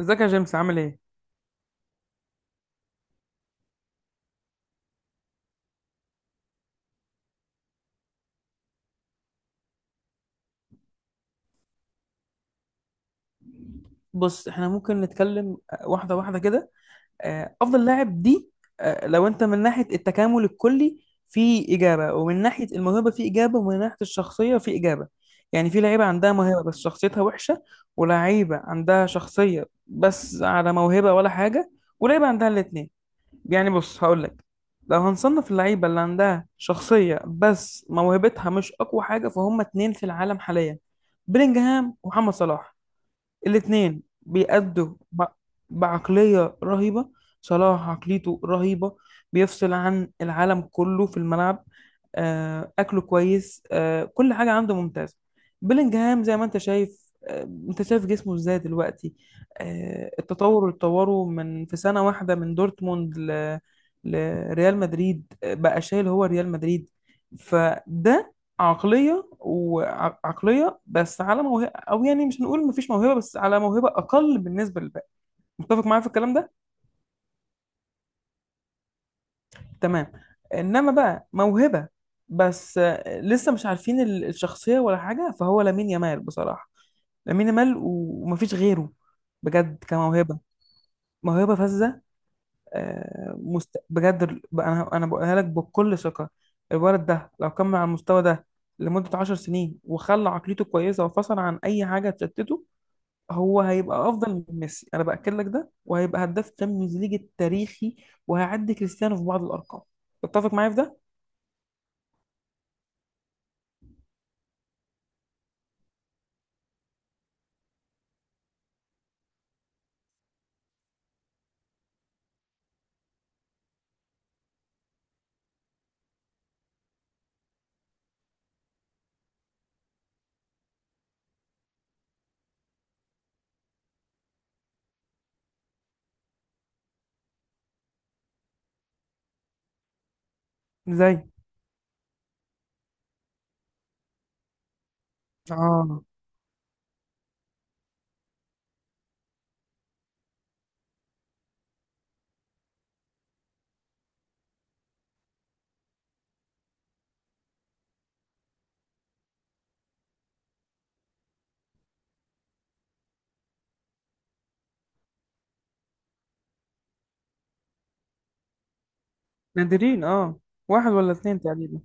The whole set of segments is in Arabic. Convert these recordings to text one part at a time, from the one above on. ازيك يا جيمس، عامل ايه؟ بص، احنا ممكن نتكلم واحدة واحدة كده. أفضل لاعب دي، لو أنت من ناحية التكامل الكلي في إجابة، ومن ناحية الموهبة في إجابة، ومن ناحية الشخصية في إجابة. يعني في لعيبة عندها موهبة بس شخصيتها وحشة، ولعيبة عندها شخصية بس على موهبة ولا حاجة، ولعيبة عندها الاتنين. يعني بص هقول لك، لو هنصنف اللعيبة اللي عندها شخصية بس موهبتها مش أقوى حاجة، فهم اتنين في العالم حاليا: بيلينجهام ومحمد صلاح. الاتنين بيأدوا بعقلية رهيبة. صلاح عقليته رهيبة، بيفصل عن العالم كله في الملعب. أكله كويس، كل حاجة عنده ممتازة. بيلينجهام زي ما أنت شايف، أنت شايف جسمه إزاي دلوقتي. التطور اللي اتطوره من في سنة واحدة من دورتموند لريال مدريد، بقى شايل هو ريال مدريد. فده عقلية، وعقلية بس على موهبة. او يعني مش هنقول مفيش موهبه، بس على موهبه اقل بالنسبه للباقي. متفق معايا في الكلام ده؟ تمام. انما بقى موهبه بس، لسه مش عارفين الشخصيه ولا حاجه، فهو لامين يامال بصراحه. لامين يامال ومفيش غيره، بجد، كموهبه. موهبه فذه. بجد، بقى انا بقولها لك بكل ثقه. الولد ده لو كمل على المستوى ده لمده 10 سنين، وخلى عقليته كويسه وفصل عن اي حاجه تشتته، هو هيبقى افضل من ميسي. انا باكد لك ده، وهيبقى هداف تشامبيونز ليج التاريخي، وهيعدي كريستيانو في بعض الارقام. تتفق معايا في ده؟ ازاي؟ اه. نادرين، اه. واحد ولا اتنين تقريبا.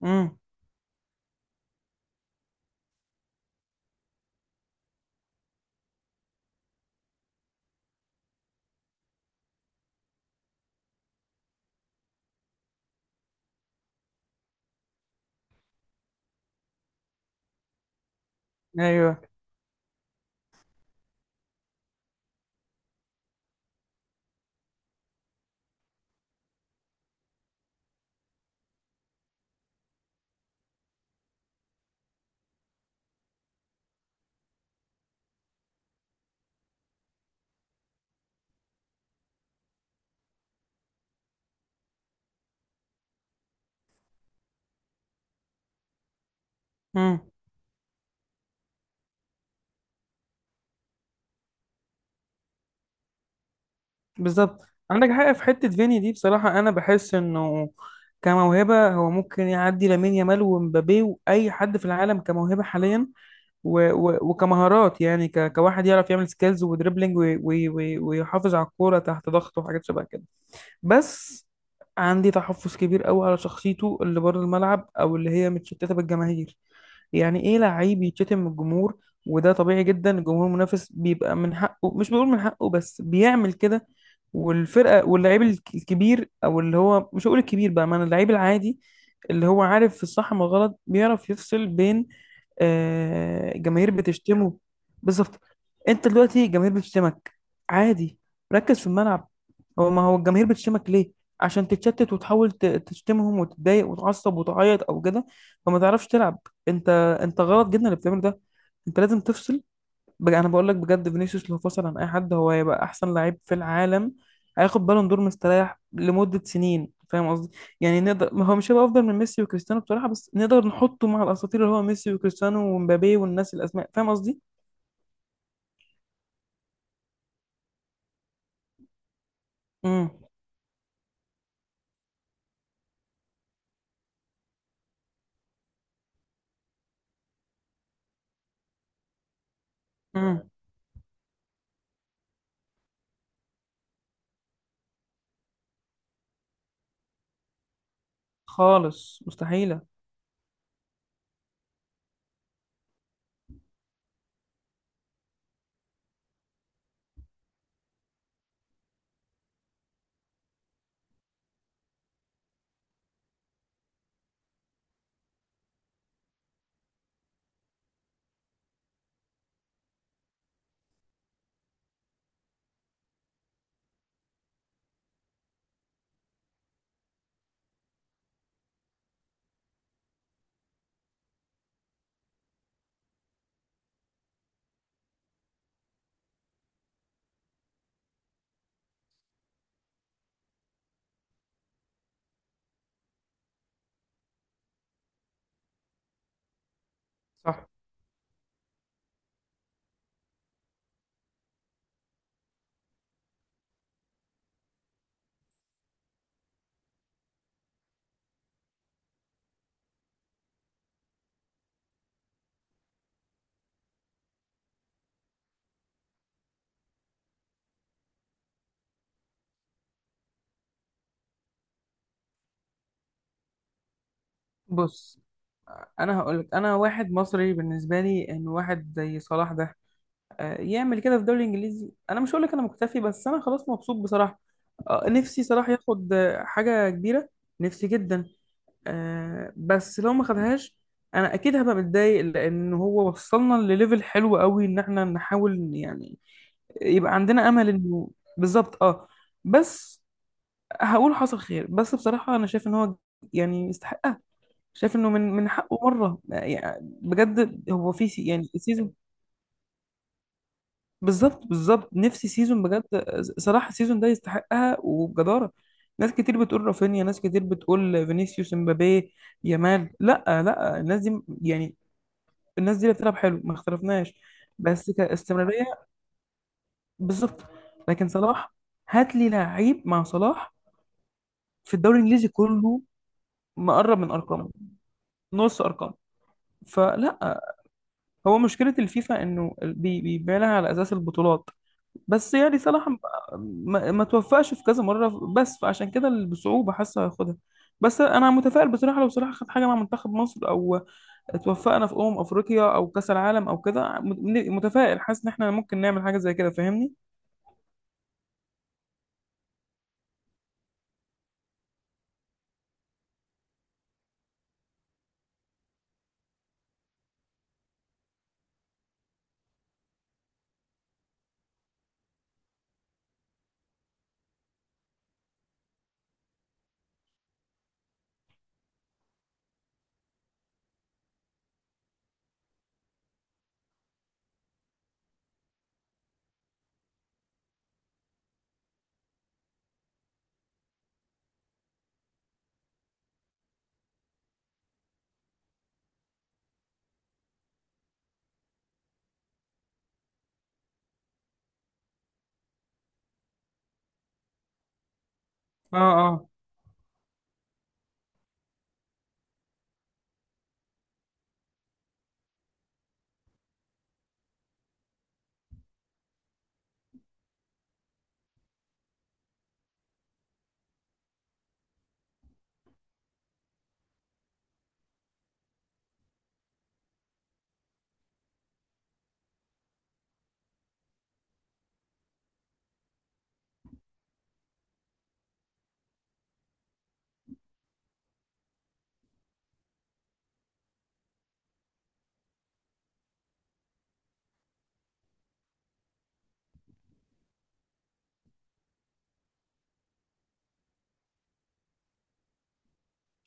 امم. ايوه. امم. بالظبط. عندك حق في حته فيني دي، بصراحه انا بحس انه كموهبه، هو ممكن يعدي لامين يامال ومبابي واي حد في العالم كموهبه حاليا. وكمهارات، يعني كواحد يعرف يعمل سكيلز ودريبلينج، ويحافظ على الكوره تحت ضغط وحاجات شبه كده. بس عندي تحفظ كبير قوي على شخصيته اللي بره الملعب، او اللي هي متشتته بالجماهير. يعني ايه لعيب يتشتم من الجمهور؟ وده طبيعي جدا، الجمهور المنافس بيبقى من حقه، مش بقول من حقه، بس بيعمل كده. والفرقه واللعيب الكبير، او اللي هو مش هقول الكبير بقى، ما اللعيب العادي اللي هو عارف في الصح من الغلط بيعرف يفصل بين جماهير بتشتمه. بالظبط. انت دلوقتي جماهير بتشتمك، عادي، ركز في الملعب. هو ما هو الجماهير بتشتمك ليه؟ عشان تتشتت وتحاول تشتمهم وتتضايق وتعصب وتعيط او كده، فما تعرفش تلعب. انت، انت غلط جدا اللي بتعمله ده. انت لازم تفصل. انا بقول لك بجد، فينيسيوس لو فصل عن اي حد، هو هيبقى احسن لعيب في العالم. هياخد بالون دور مستريح لمدة سنين، فاهم قصدي؟ يعني نقدر، ما هو مش هيبقى افضل من ميسي وكريستيانو بصراحة، بس نقدر نحطه مع الاساطير اللي هو ميسي وكريستيانو ومبابي والناس، الاسماء، فاهم قصدي؟ امم. امم. خالص، مستحيلة. صح. بص، انا هقولك، انا واحد مصري، بالنسبه لي ان واحد زي صلاح ده يعمل كده في الدوري الانجليزي، انا مش هقولك انا مكتفي، بس انا خلاص مبسوط بصراحه. نفسي صلاح ياخد حاجه كبيره، نفسي جدا. بس لو ما خدهاش، انا اكيد هبقى متضايق، لان هو وصلنا لليفل حلو قوي ان احنا نحاول يعني، يبقى عندنا امل انه. بالظبط، اه. بس هقول حصل خير. بس بصراحه انا شايف ان هو يعني يستحق. شايف انه من حقه مره، يعني بجد هو في يعني سيزون. بالظبط، بالظبط، نفسي سيزون بجد. صراحه السيزون ده يستحقها وبجداره. ناس كتير بتقول رافينيا، ناس كتير بتقول فينيسيوس، امبابي، يامال. لا، لا، الناس دي يعني، الناس دي اللي بتلعب حلو ما اختلفناش، بس كاستمراريه. بالظبط. لكن صلاح، هات لي لعيب مع صلاح في الدوري الانجليزي كله مقرب من ارقامه، نص ارقامه. فلا. هو مشكلة الفيفا إنه بيبقى لها على أساس البطولات. بس يعني صلاح ما توفقش في كذا مرة، بس فعشان كده بصعوبة حاسة هياخدها. بس أنا متفائل بصراحة، لو صلاح خد حاجة مع منتخب مصر، أو اتوفقنا في أمم أفريقيا أو كأس العالم أو كده، متفائل، حاسس إن إحنا ممكن نعمل حاجة زي كده، فاهمني؟ اه، اه،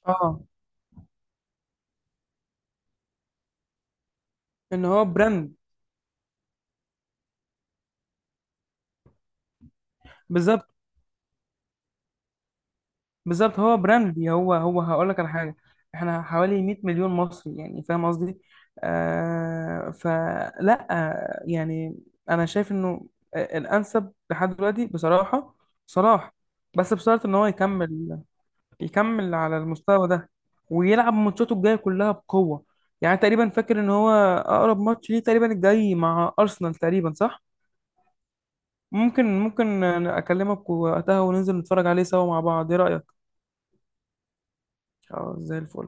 اه. ان هو براند. بالظبط، بالظبط، هو براند. هو هقول لك على حاجه، احنا حوالي 100 مليون مصري، يعني فاهم قصدي؟ آه، فلا يعني، انا شايف انه الانسب لحد دلوقتي بصراحه صلاح، بس بشرط ان هو يكمل، يكمل على المستوى ده، ويلعب ماتشاته الجايه كلها بقوه. يعني تقريبا، فاكر ان هو اقرب ماتش ليه تقريبا الجاي مع ارسنال، تقريبا صح؟ ممكن، ممكن اكلمك وقتها وننزل نتفرج عليه سوا مع بعض، ايه رايك؟ اه، زي الفل.